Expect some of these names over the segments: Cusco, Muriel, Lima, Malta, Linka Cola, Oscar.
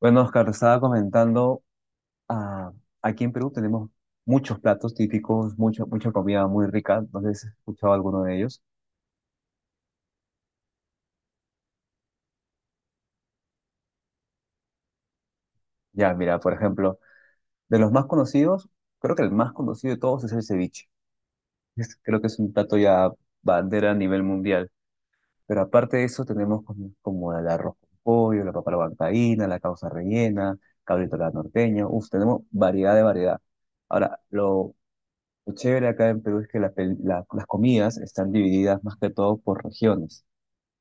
Bueno, Oscar, estaba comentando, ah, aquí en Perú tenemos muchos platos típicos, mucha comida muy rica, no sé si has escuchado alguno de ellos. Ya, mira, por ejemplo, de los más conocidos, creo que el más conocido de todos es el ceviche. Creo que es un plato ya bandera a nivel mundial. Pero aparte de eso tenemos como el arroz con pollo, la papa a la huancaína, la causa rellena, cabrito a la norteña, uf, tenemos variedad de variedad. Ahora, lo chévere acá en Perú es que las comidas están divididas más que todo por regiones.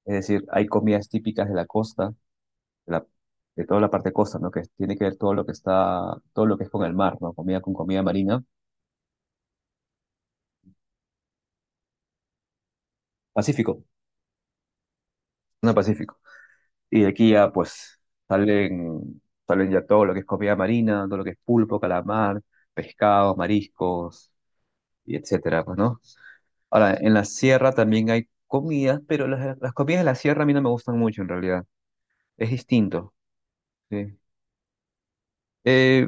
Es decir, hay comidas típicas de la costa, de, la- de toda la parte costa, ¿no? Que tiene que ver todo lo que está, todo lo que es con el mar, ¿no? Comida con comida marina. Pacífico, no, Pacífico. Y de aquí ya, pues, salen, salen ya todo lo que es comida marina, todo lo que es pulpo, calamar, pescados, mariscos, y etcétera, pues, ¿no? Ahora, en la sierra también hay comidas, pero las comidas de la sierra a mí no me gustan mucho, en realidad. Es distinto. Sí. Eh,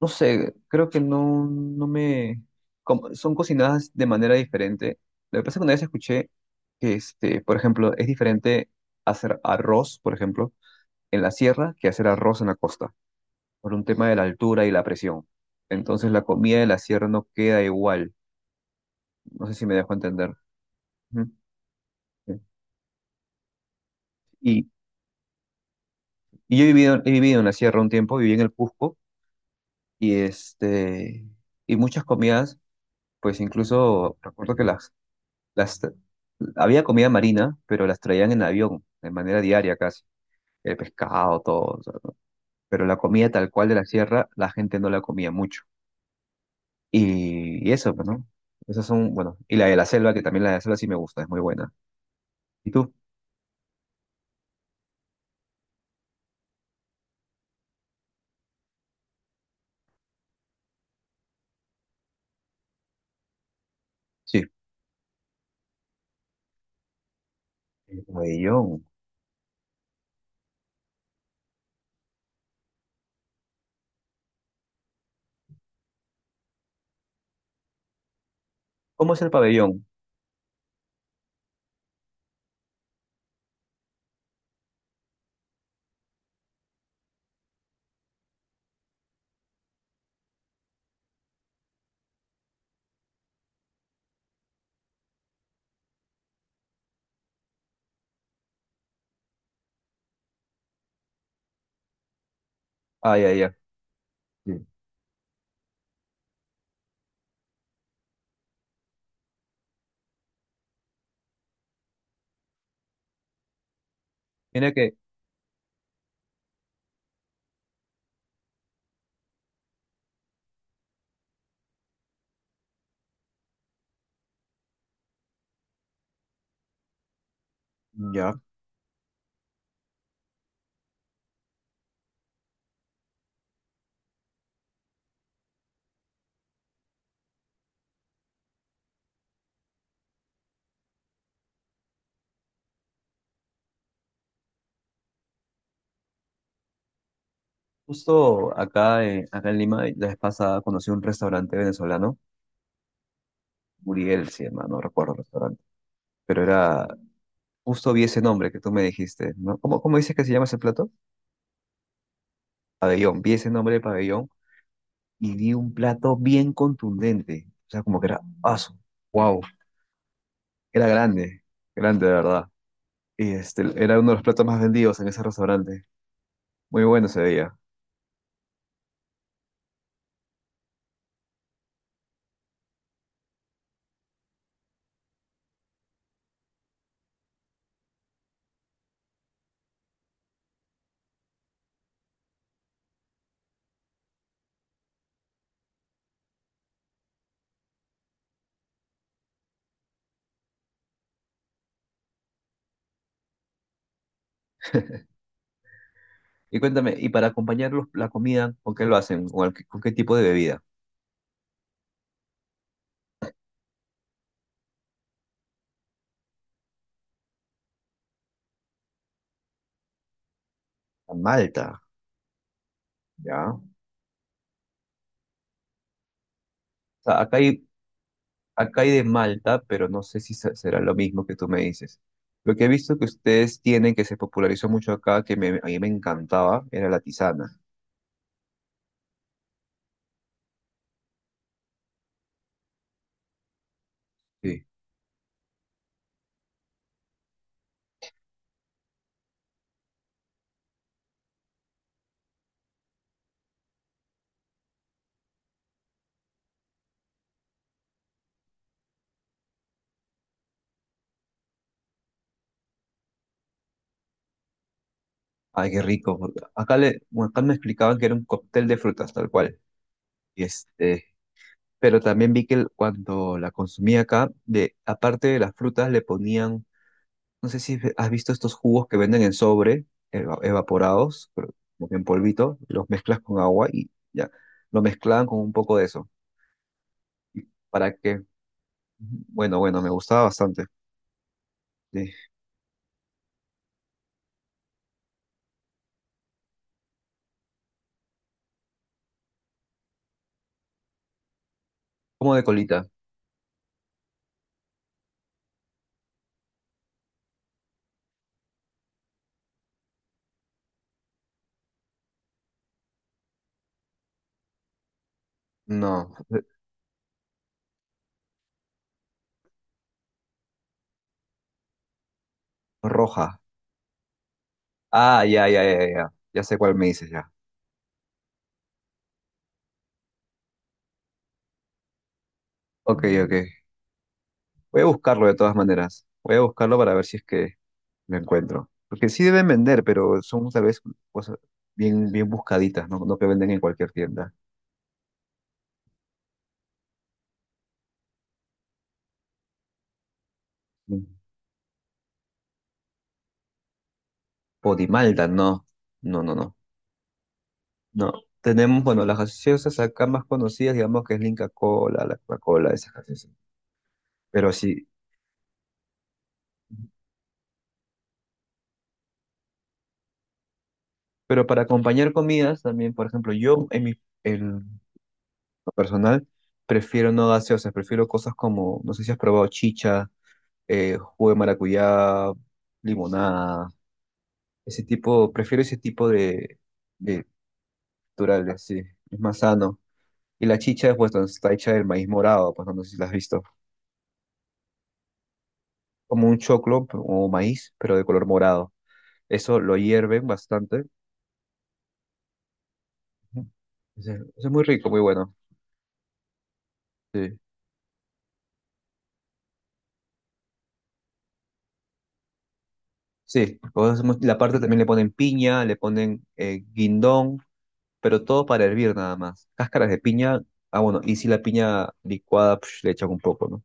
no sé, creo que no me... son cocinadas de manera diferente. Lo que pasa es que una vez escuché que, por ejemplo, es diferente hacer arroz, por ejemplo, en la sierra que hacer arroz en la costa, por un tema de la altura y la presión. Entonces la comida de la sierra no queda igual. No sé si me dejo entender. Ujú. Sí. Y, y he vivido en la sierra un tiempo, viví en el Cusco y, y muchas comidas, pues incluso recuerdo que las, tra- había comida marina, pero las traían en avión, de manera diaria casi. El pescado, todo. O sea, ¿no? Pero la comida tal cual de la sierra, la gente no la comía mucho. Y eso, pues, ¿no? Esas son, bueno, y la de la selva, que también la de la selva sí me gusta, es muy buena. ¿Y tú? Sí. El pabellón. ¿Cómo es el pabellón? Ah, ya, ya. Sí. Mira que, ya. Justo acá, acá en Lima, la vez pasada conocí un restaurante venezolano, Muriel se llama, no recuerdo el restaurante, pero era Justo vi ese nombre que tú me dijiste, ¿no? ¿Cómo dices que se llama ese plato? Pabellón. Vi ese nombre de pabellón y vi un plato bien contundente. O sea, como que era aso. Wow. Era grande. Grande, de verdad. Y este, era uno de los platos más vendidos en ese restaurante. Muy bueno se veía. Y cuéntame, ¿y para acompañar la comida, con qué lo hacen? ¿Con, con qué tipo de bebida? Con Malta, ¿ya? O sea, acá hay Acá hay de Malta, pero no sé si será lo mismo que tú me dices. Lo que he visto que ustedes tienen, que se popularizó mucho acá, que a mí me encantaba, era la tisana. Sí. Ay, qué rico. Porque acá, le, bueno, acá me explicaban que era un cóctel de frutas, tal cual. Y este, pero también vi que cuando la consumí acá, de, aparte de las frutas, le ponían, no sé si has visto estos jugos que venden en sobre, evaporados, pero como que en polvito, los mezclas con agua y ya, lo mezclaban con un poco de eso para que Bueno, me gustaba bastante. Sí. ¿Cómo de colita? No, roja. Ah, ya, ya, ya, ya. Ya sé cuál me dices ya. Ok, ok. Voy a buscarlo de todas maneras. Voy a buscarlo para ver si es que lo encuentro. Porque sí deben vender, pero son tal vez cosas bien buscaditas, ¿no? No que venden en cualquier tienda. Mm. Podimalta, no. No, no, no. No. Tenemos, bueno, las gaseosas acá más conocidas, digamos que es Linka Cola, la Coca-Cola, esas gaseosas. Pero sí. Pero para acompañar comidas también, por ejemplo, yo en mi en lo personal prefiero no gaseosas, prefiero cosas como, no sé si has probado chicha, jugo de maracuyá, limonada, ese tipo, prefiero ese tipo de naturales, sí, es más sano. Y la chicha pues, está hecha del maíz morado, pues no sé si la has visto, como un choclo o maíz, pero de color morado. Eso lo hierven bastante. Ujú. Eso es muy rico, muy bueno. sí Sí, nosotros hacemos- la parte también le ponen piña, le ponen guindón, pero todo para hervir nada más. Cáscaras de piña, ah bueno, y si la piña licuada psh, le echan un poco, ¿no?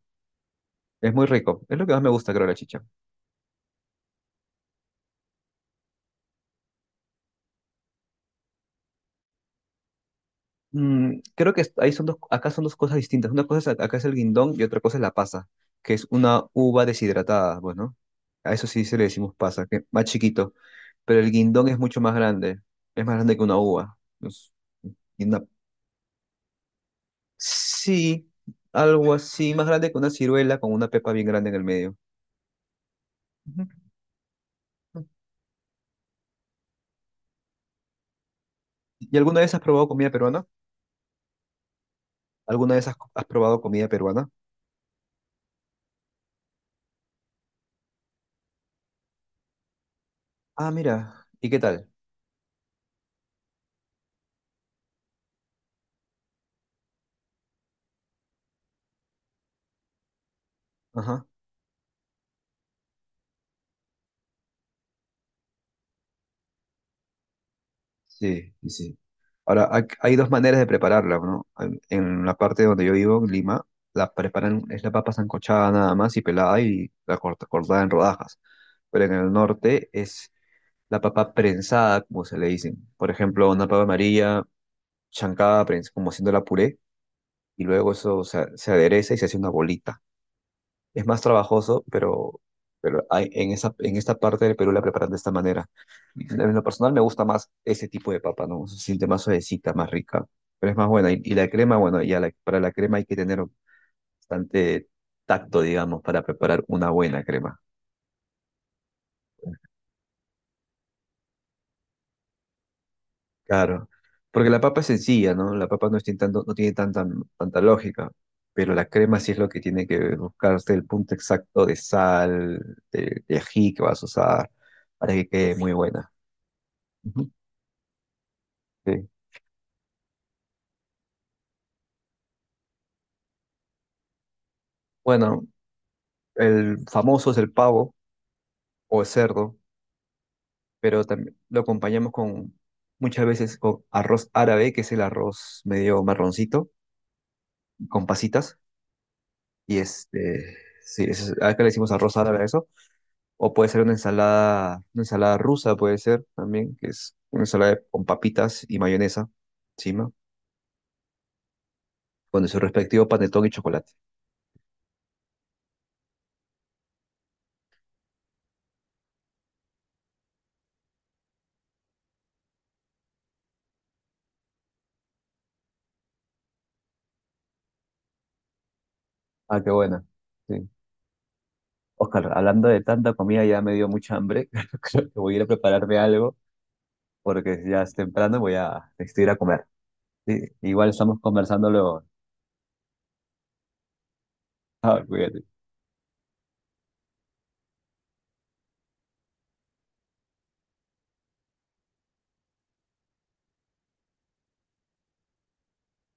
Es muy rico, es lo que más me gusta, creo, de la chicha. Mm, creo que ahí son dos, acá son dos cosas distintas. Una cosa es, acá es el guindón y otra cosa es la pasa, que es una uva deshidratada, bueno. A eso sí se le decimos pasa, que es más chiquito, pero el guindón es mucho más grande, es más grande que una uva. Es- Sí, algo así, más grande que una ciruela con una pepa bien grande en el medio. Ujú. ¿Y alguna vez has probado comida peruana? ¿Alguna vez has probado comida peruana? Ah, mira, ¿y qué tal? Ajá, sí, sí, sí. Ahora, hay dos maneras de prepararla, ¿no? En la parte donde yo vivo, en Lima, la preparan, es la papa sancochada nada más y pelada y cortada en rodajas. Pero en el norte es la papa prensada, como se le dicen. Por ejemplo, una papa amarilla chancada, como haciendo la puré y luego se adereza y se hace una bolita. Es más trabajoso, pero hay, en esta parte del Perú la preparan de esta manera. En lo personal me gusta más ese tipo de papa, ¿no? Se siente más suavecita, más rica, pero es más buena. Y la crema, bueno, para la crema hay que tener bastante tacto, digamos, para preparar una buena crema. Claro, porque la papa es sencilla, ¿no? La papa no, es no tiene tanta, tanta lógica, pero la crema sí es lo que tiene que buscarse el punto exacto de sal, de ají que vas a usar para que quede muy buena. Ujú. Sí. Bueno, el famoso es el pavo o el cerdo, pero también lo acompañamos con muchas veces con arroz árabe, que es el arroz medio marroncito, con pasitas, y este, sí, acá le decimos arroz árabe a eso. O puede ser una ensalada rusa, puede ser también, que es una ensalada con papitas y mayonesa encima, con su respectivo panetón y chocolate. Ah, qué buena. Sí. Oscar, hablando de tanta comida, ya me dio mucha hambre. Creo que voy a ir a prepararme algo, porque ya es temprano, voy a necesito ir a comer. Sí, igual estamos conversando luego. Ah, cuídate.